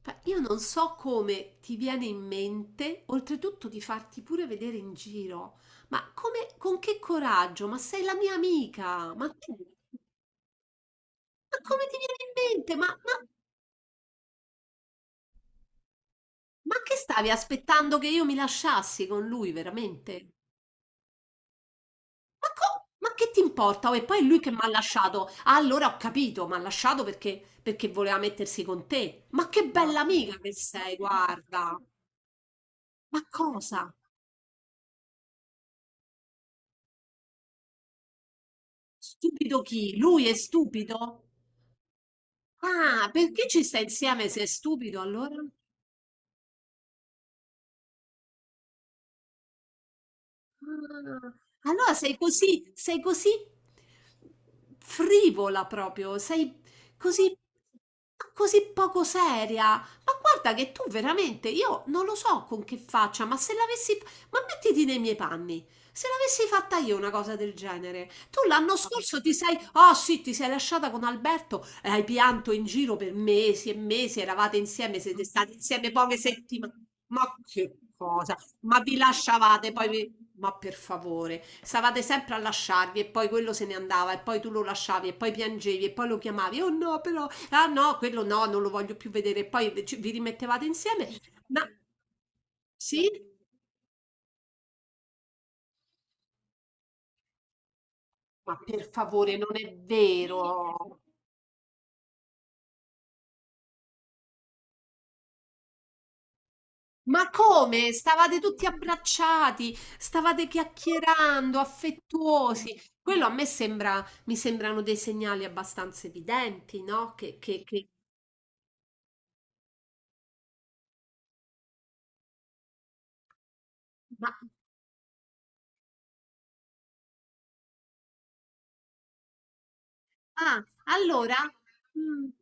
Io non so come ti viene in mente, oltretutto di farti pure vedere in giro, ma come, con che coraggio? Ma sei la mia amica, ma come ti viene in mente? Ma che stavi aspettando che io mi lasciassi con lui, veramente? Ma che ti importa? Oh, e poi è lui che mi ha lasciato. Ah, allora ho capito, mi ha lasciato perché voleva mettersi con te. Ma che bella amica che sei, guarda. Ma cosa? Stupido chi? Lui è stupido? Ah, perché ci sta insieme se è stupido allora? Ah, allora sei così frivola proprio, sei così così poco seria. Ma guarda che tu veramente, io non lo so con che faccia, ma se l'avessi, ma mettiti nei miei panni. Se l'avessi fatta io una cosa del genere, tu l'anno scorso ti sei, oh sì, ti sei lasciata con Alberto e hai pianto in giro per mesi e mesi, eravate insieme, siete stati insieme poche settimane. Ma che cosa? Ma vi lasciavate, poi vi... Ma per favore, stavate sempre a lasciarvi e poi quello se ne andava e poi tu lo lasciavi e poi piangevi e poi lo chiamavi, oh no, però, ah no, quello no, non lo voglio più vedere e poi vi rimettevate insieme. Ma sì? Ma per favore, non è vero. Ma come? Stavate tutti abbracciati, stavate chiacchierando, affettuosi. Quello a me sembra, mi sembrano dei segnali abbastanza evidenti, no? Che... Ah, allora, mhmm,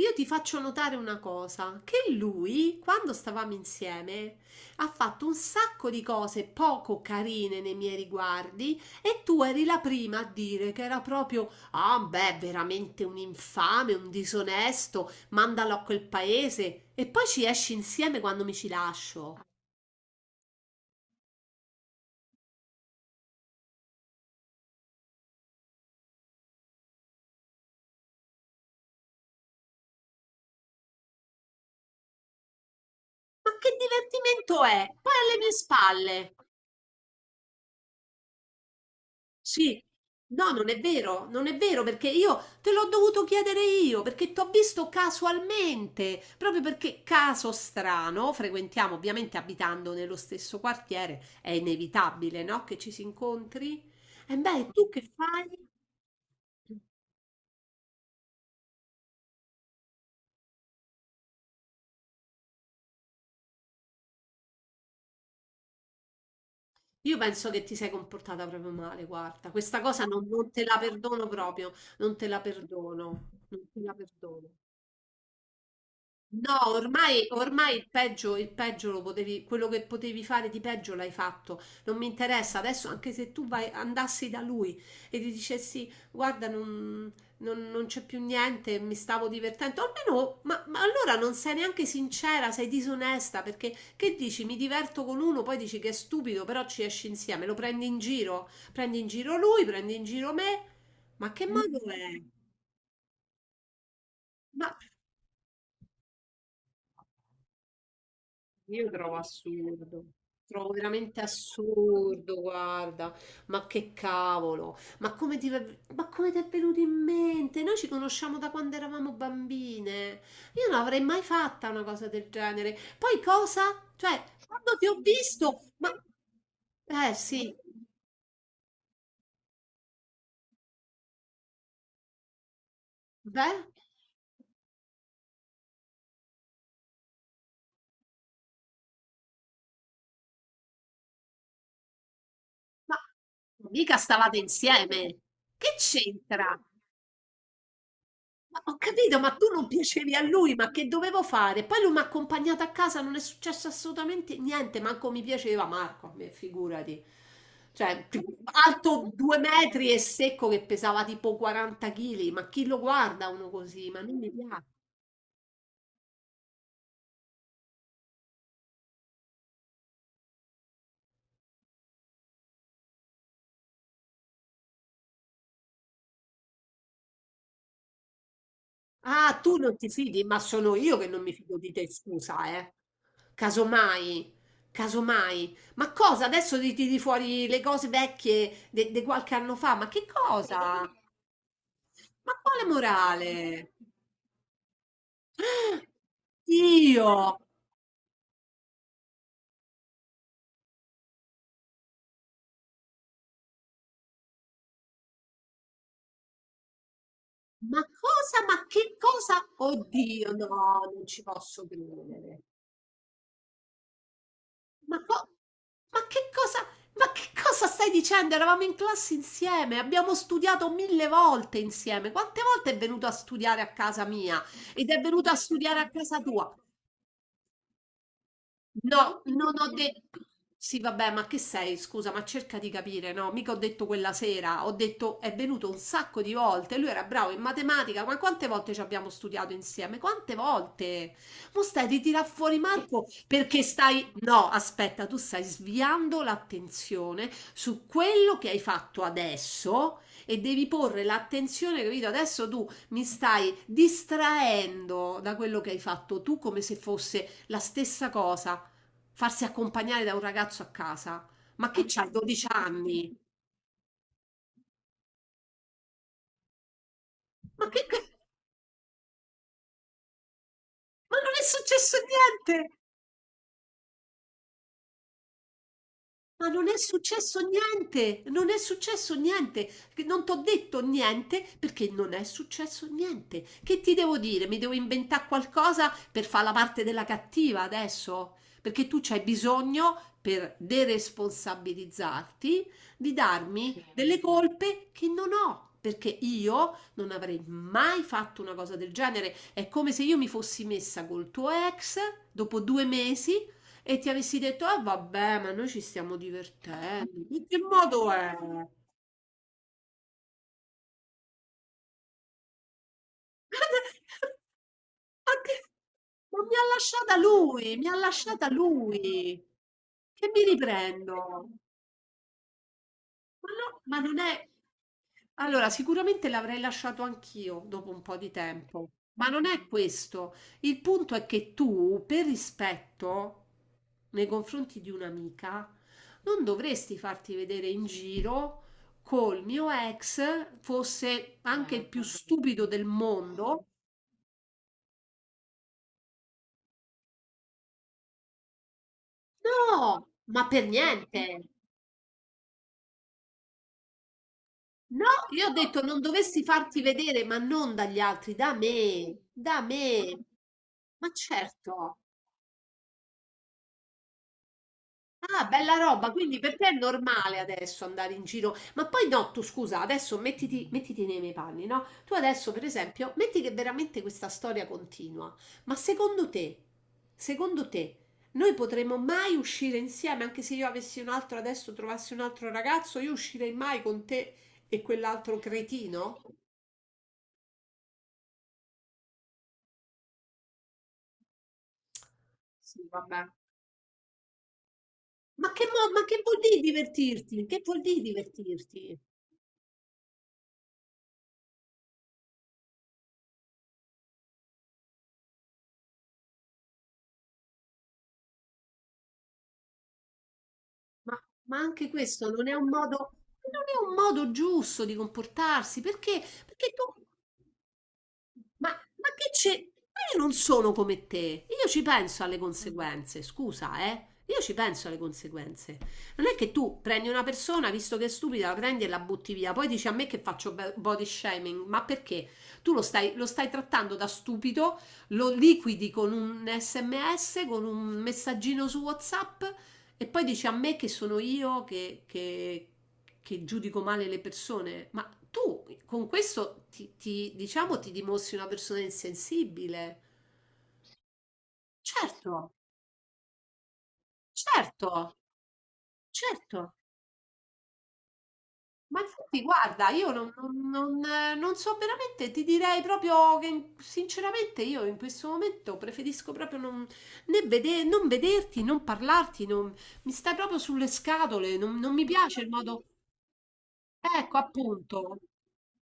io ti faccio notare una cosa, che lui, quando stavamo insieme, ha fatto un sacco di cose poco carine nei miei riguardi e tu eri la prima a dire che era proprio, ah, beh, veramente un infame, un disonesto, mandalo a quel paese e poi ci esci insieme quando mi ci lascio. Ma che divertimento è? Poi alle mie spalle. Sì, no, non è vero, non è vero perché io te l'ho dovuto chiedere io perché ti ho visto casualmente, proprio perché caso strano, frequentiamo ovviamente abitando nello stesso quartiere, è inevitabile, no? Che ci si incontri. E beh, e tu che fai? Io penso che ti sei comportata proprio male, guarda, questa cosa non te la perdono proprio, non te la perdono, non te la perdono. No, ormai, ormai il peggio lo potevi, quello che potevi fare di peggio l'hai fatto. Non mi interessa adesso, anche se tu vai, andassi da lui e gli dicessi: guarda, non c'è più niente, mi stavo divertendo. Almeno, ma allora non sei neanche sincera, sei disonesta perché che dici? Mi diverto con uno, poi dici che è stupido, però ci esci insieme, lo prendi in giro lui, prendi in giro me. Ma che modo è? Io trovo assurdo, trovo veramente assurdo, guarda, ma che cavolo, ma come ti è venuto in mente? Noi ci conosciamo da quando eravamo bambine, io non avrei mai fatta una cosa del genere. Poi cosa? Cioè, quando ti ho visto, ma... Eh sì, beh, ma mica stavate insieme, che c'entra? Ma ho capito, ma tu non piacevi a lui, ma che dovevo fare? Poi lui mi ha accompagnato a casa, non è successo assolutamente niente, manco mi piaceva Marco, a me, figurati. Cioè, t- Alto due metri e secco che pesava tipo 40 kg, ma chi lo guarda uno così? Ma non mi piace. Ah, tu non ti fidi, ma sono io che non mi fido di te, scusa, eh. Casomai, casomai. Ma cosa? Adesso ti tiri fuori le cose vecchie di qualche anno fa, ma che cosa? Ma quale morale? Ah, Dio! Ma cosa? Ma che cosa? Oddio, no, non ci posso credere. Ma, co- ma che cosa? Ma che cosa stai dicendo? Eravamo in classe insieme, abbiamo studiato mille volte insieme. Quante volte è venuto a studiare a casa mia? Ed è venuto a studiare a casa tua? No, non ho detto. Sì, vabbè, ma che sei? Scusa, ma cerca di capire, no? Mica ho detto quella sera, ho detto è venuto un sacco di volte. Lui era bravo in matematica, ma quante volte ci abbiamo studiato insieme? Quante volte? Mo stai di tirar fuori Marco perché stai. No, aspetta, tu stai sviando l'attenzione su quello che hai fatto adesso e devi porre l'attenzione, capito? Adesso tu mi stai distraendo da quello che hai fatto tu come se fosse la stessa cosa farsi accompagnare da un ragazzo a casa. Ma che c'hai, 12 anni? Ma che, che- ma non è successo niente! Ma non è successo niente, non è successo niente, che non t'ho detto niente perché non è successo niente. Che ti devo dire? Mi devo inventare qualcosa per fare la parte della cattiva adesso? Perché tu c'hai bisogno, per deresponsabilizzarti, di darmi delle colpe che non ho. Perché io non avrei mai fatto una cosa del genere. È come se io mi fossi messa col tuo ex dopo due mesi e ti avessi detto: "Ah vabbè, ma noi ci stiamo divertendo". In che modo è? Ma che ma mi ha lasciata lui, mi ha lasciata lui. Che mi riprendo? Ma no ma non è Allora, sicuramente l'avrei lasciato anch'io dopo un po' di tempo, ma non è questo. Il punto è che tu, per rispetto nei confronti di un'amica, non dovresti farti vedere in giro col mio ex fosse anche il più stupido del mondo. No, ma per niente. No, io ho detto non dovresti farti vedere, ma non dagli altri, da me, da me. Ma certo. Ah, bella roba, quindi per te è normale adesso andare in giro, ma poi no, tu scusa, adesso mettiti, mettiti nei miei panni, no? Tu adesso, per esempio, metti che veramente questa storia continua, ma secondo te, noi potremmo mai uscire insieme, anche se io avessi un altro adesso, trovassi un altro ragazzo, io uscirei mai con te e quell'altro cretino? Sì, vabbè. Ma che vuol dire divertirti? Che vuol dire divertirti? Ma, ma anche questo non è un modo, non è un modo giusto di comportarsi, perché, perché tu, ma che c'è? Ma io non sono come te, io ci penso alle conseguenze, scusa, eh? Io ci penso alle conseguenze. Non è che tu prendi una persona, visto che è stupida, la prendi e la butti via, poi dici a me che faccio body shaming, ma perché? Tu lo stai trattando da stupido, lo liquidi con un SMS, con un messaggino su WhatsApp e poi dice a me che sono io che giudico male le persone, ma tu con questo diciamo ti dimostri una persona insensibile. Certo, certo, certo. Ma infatti, guarda, io non so veramente, ti direi proprio che sinceramente io in questo momento preferisco proprio non, né vede- non vederti, non parlarti, non- mi stai proprio sulle scatole, non, non mi piace il modo... Ecco, appunto.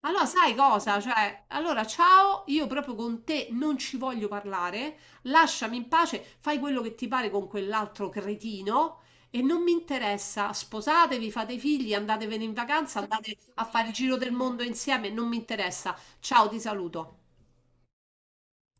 Allora, sai cosa? Cioè, allora, ciao, io proprio con te non ci voglio parlare, lasciami in pace, fai quello che ti pare con quell'altro cretino e non mi interessa. Sposatevi, fate figli, andatevene in vacanza, andate a fare il giro del mondo insieme, non mi interessa. Ciao, ti saluto.